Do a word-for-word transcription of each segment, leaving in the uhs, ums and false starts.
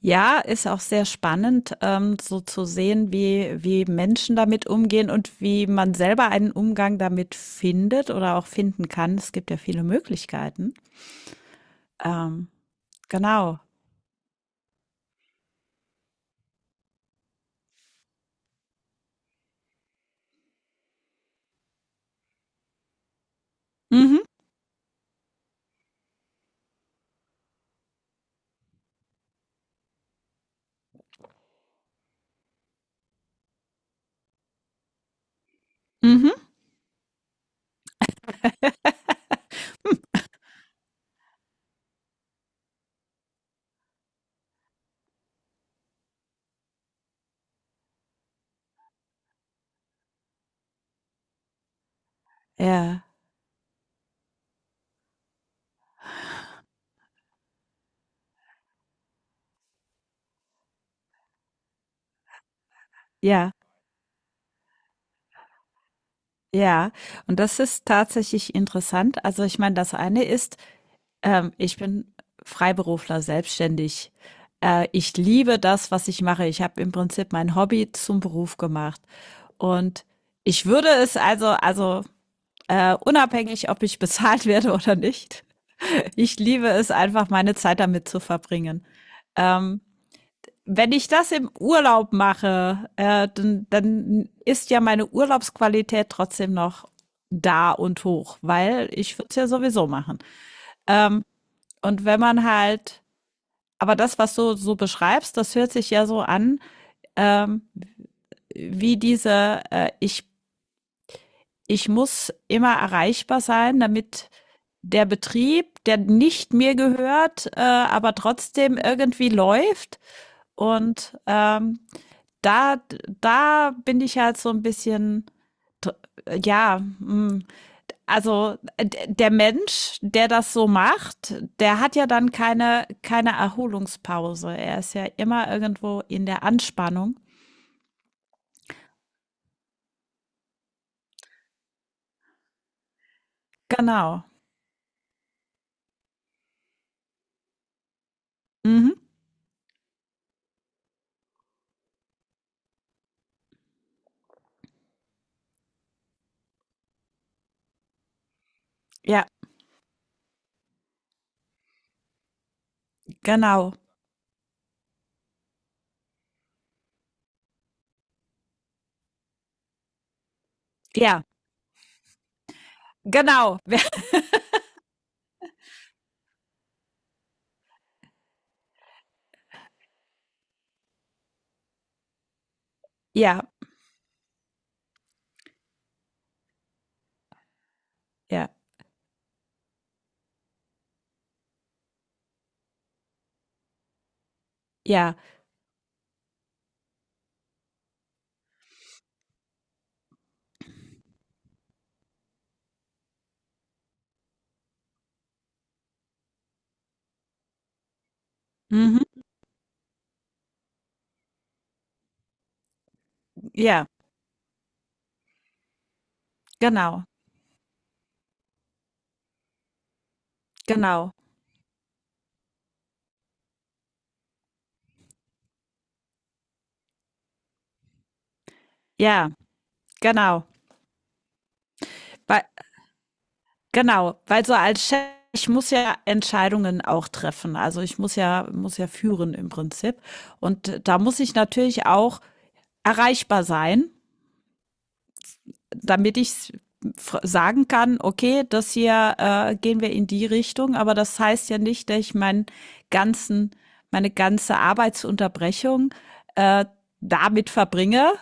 Ja, ist auch sehr spannend, ähm, so zu sehen, wie, wie Menschen damit umgehen und wie man selber einen Umgang damit findet oder auch finden kann. Es gibt ja viele Möglichkeiten. Ähm, genau. Mhm. Mhm. Ja, ja, ja. Und das ist tatsächlich interessant. Also ich meine, das eine ist, Ähm, ich bin Freiberufler, selbstständig. Äh, ich liebe das, was ich mache. Ich habe im Prinzip mein Hobby zum Beruf gemacht. Und ich würde es also, also äh, unabhängig, ob ich bezahlt werde oder nicht, ich liebe es einfach, meine Zeit damit zu verbringen. Ähm, wenn ich das im Urlaub mache, äh, dann, dann ist ja meine Urlaubsqualität trotzdem noch da und hoch, weil ich würde es ja sowieso machen. Ähm, und wenn man halt aber das, was du so beschreibst, das hört sich ja so an, ähm, wie diese, äh, ich, ich muss immer erreichbar sein, damit der Betrieb, der nicht mir gehört, äh, aber trotzdem irgendwie läuft. Und ähm, da, da bin ich halt so ein bisschen, ja, mm, also der Mensch, der das so macht, der hat ja dann keine, keine Erholungspause. Er ist ja immer irgendwo in der Anspannung. Genau. Mhm. Ja, genau. Ja, genau. Ja, ja, ja. Mhm. Ja, genau. Genau. Ja, genau. Weil, genau. Weil so als Chef, ich muss ja Entscheidungen auch treffen. Also ich muss ja, muss ja führen im Prinzip. Und da muss ich natürlich auch erreichbar sein, damit ich sagen kann, okay, das hier äh, gehen wir in die Richtung, aber das heißt ja nicht, dass ich meinen ganzen, meine ganze Arbeitsunterbrechung äh, damit verbringe.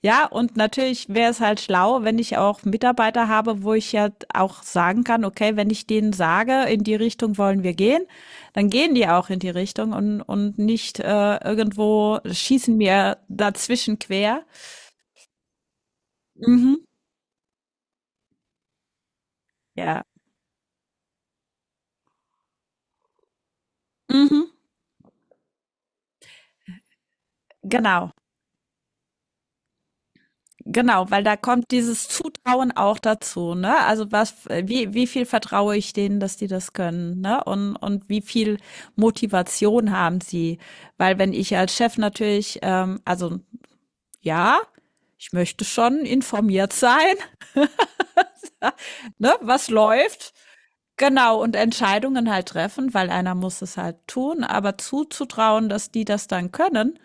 Ja, und natürlich wäre es halt schlau, wenn ich auch Mitarbeiter habe, wo ich ja auch sagen kann, okay, wenn ich denen sage, in die Richtung wollen wir gehen, dann gehen die auch in die Richtung und, und nicht äh, irgendwo schießen mir dazwischen quer. Mhm. Ja. Mhm. Genau. Genau, weil da kommt dieses Zutrauen auch dazu, ne? Also was, wie, wie viel vertraue ich denen, dass die das können, ne? Und, und wie viel Motivation haben sie? Weil wenn ich als Chef natürlich, ähm, also ja, ich möchte schon informiert sein, ne, was läuft, genau, und Entscheidungen halt treffen, weil einer muss es halt tun, aber zuzutrauen, dass die das dann können,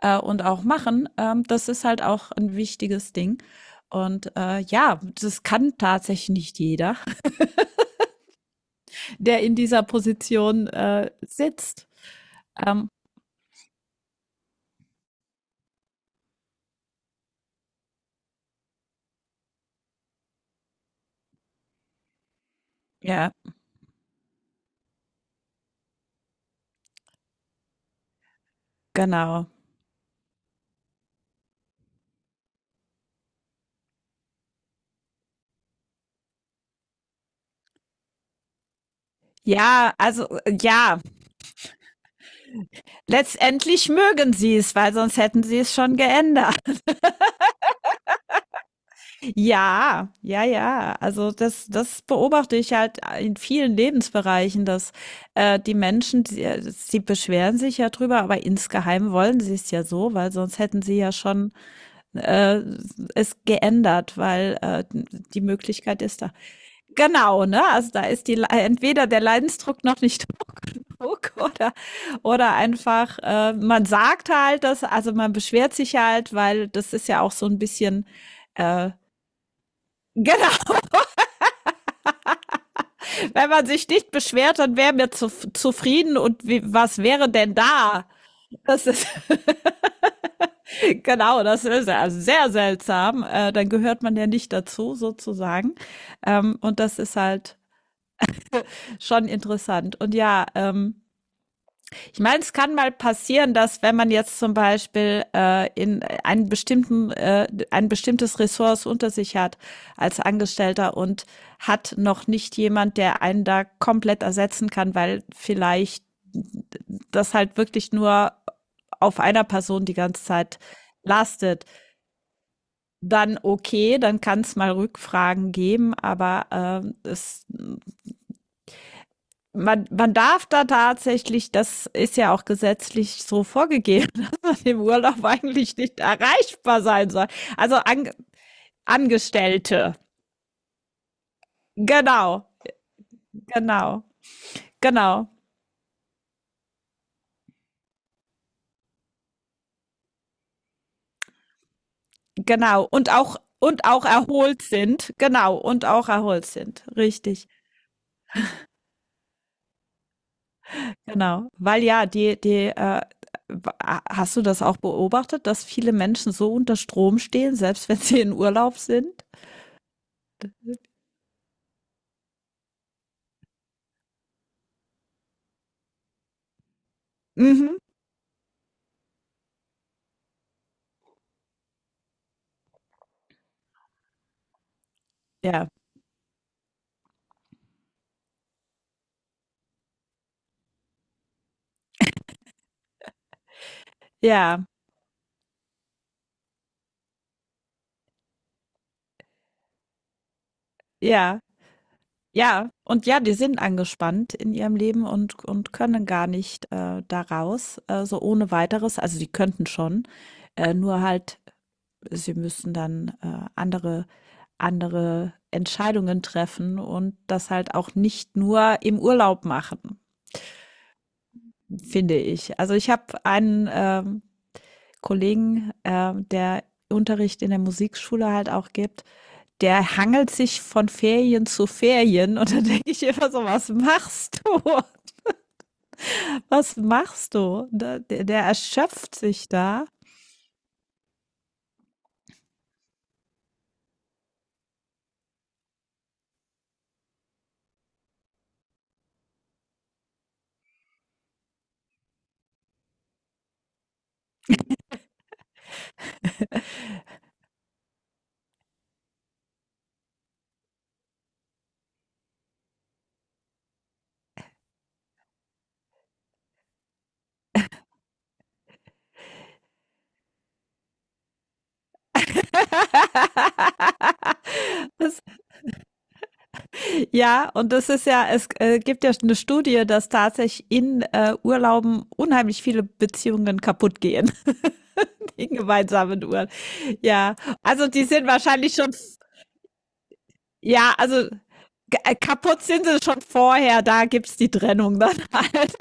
äh, und auch machen, ähm, das ist halt auch ein wichtiges Ding. Und äh, ja, das kann tatsächlich nicht jeder, der in dieser Position äh, sitzt. Ähm, ja, genau. Ja, also ja, letztendlich mögen sie es, weil sonst hätten sie es schon geändert. Ja, ja, ja. Also das, das beobachte ich halt in vielen Lebensbereichen, dass äh, die Menschen, die, äh, sie beschweren sich ja drüber, aber insgeheim wollen sie es ja so, weil sonst hätten sie ja schon äh, es geändert, weil äh, die Möglichkeit ist da. Genau, ne? Also da ist die Le- entweder der Leidensdruck noch nicht hoch genug oder oder einfach äh, man sagt halt das, also man beschwert sich halt, weil das ist ja auch so ein bisschen äh, genau. Wenn man sich nicht beschwert, dann wären wir zu, zufrieden und wie, was wäre denn da? Das ist, genau, das ist ja sehr seltsam. Äh, dann gehört man ja nicht dazu, sozusagen. Ähm, und das ist halt schon interessant. Und ja, ähm, ich meine, es kann mal passieren, dass wenn man jetzt zum Beispiel äh, in einen bestimmten, äh, ein bestimmtes Ressource unter sich hat als Angestellter und hat noch nicht jemand, der einen da komplett ersetzen kann, weil vielleicht das halt wirklich nur auf einer Person die ganze Zeit lastet, dann okay, dann kann es mal Rückfragen geben, aber äh, es man, man darf da tatsächlich, das ist ja auch gesetzlich so vorgegeben, dass man im Urlaub eigentlich nicht erreichbar sein soll. Also an, Angestellte. Genau, genau, genau, genau. Und auch, und auch erholt sind. Genau, und auch erholt sind. Richtig, genau. Weil ja, die, die, äh, hast du das auch beobachtet, dass viele Menschen so unter Strom stehen, selbst wenn sie in Urlaub sind? Mhm. Ja, ja, ja. Ja, und ja, die sind angespannt in ihrem Leben und und können gar nicht, äh, da raus, äh, so ohne Weiteres. Also, die könnten schon, äh, nur halt, sie müssen dann, äh, andere andere Entscheidungen treffen und das halt auch nicht nur im Urlaub machen, finde ich. Also, ich habe einen, ähm, Kollegen, äh, der Unterricht in der Musikschule halt auch gibt, der hangelt sich von Ferien zu Ferien und dann denke ich immer so: „Was machst du?“ Was machst du? Der, der, der erschöpft sich da. das, ja, und das ist ja, es äh, gibt ja eine Studie, dass tatsächlich in äh, Urlauben unheimlich viele Beziehungen kaputt gehen, in gemeinsamen Uhren. Ja, also die sind wahrscheinlich schon, ja, also g- äh, kaputt sind sie schon vorher, da gibt's die Trennung dann halt.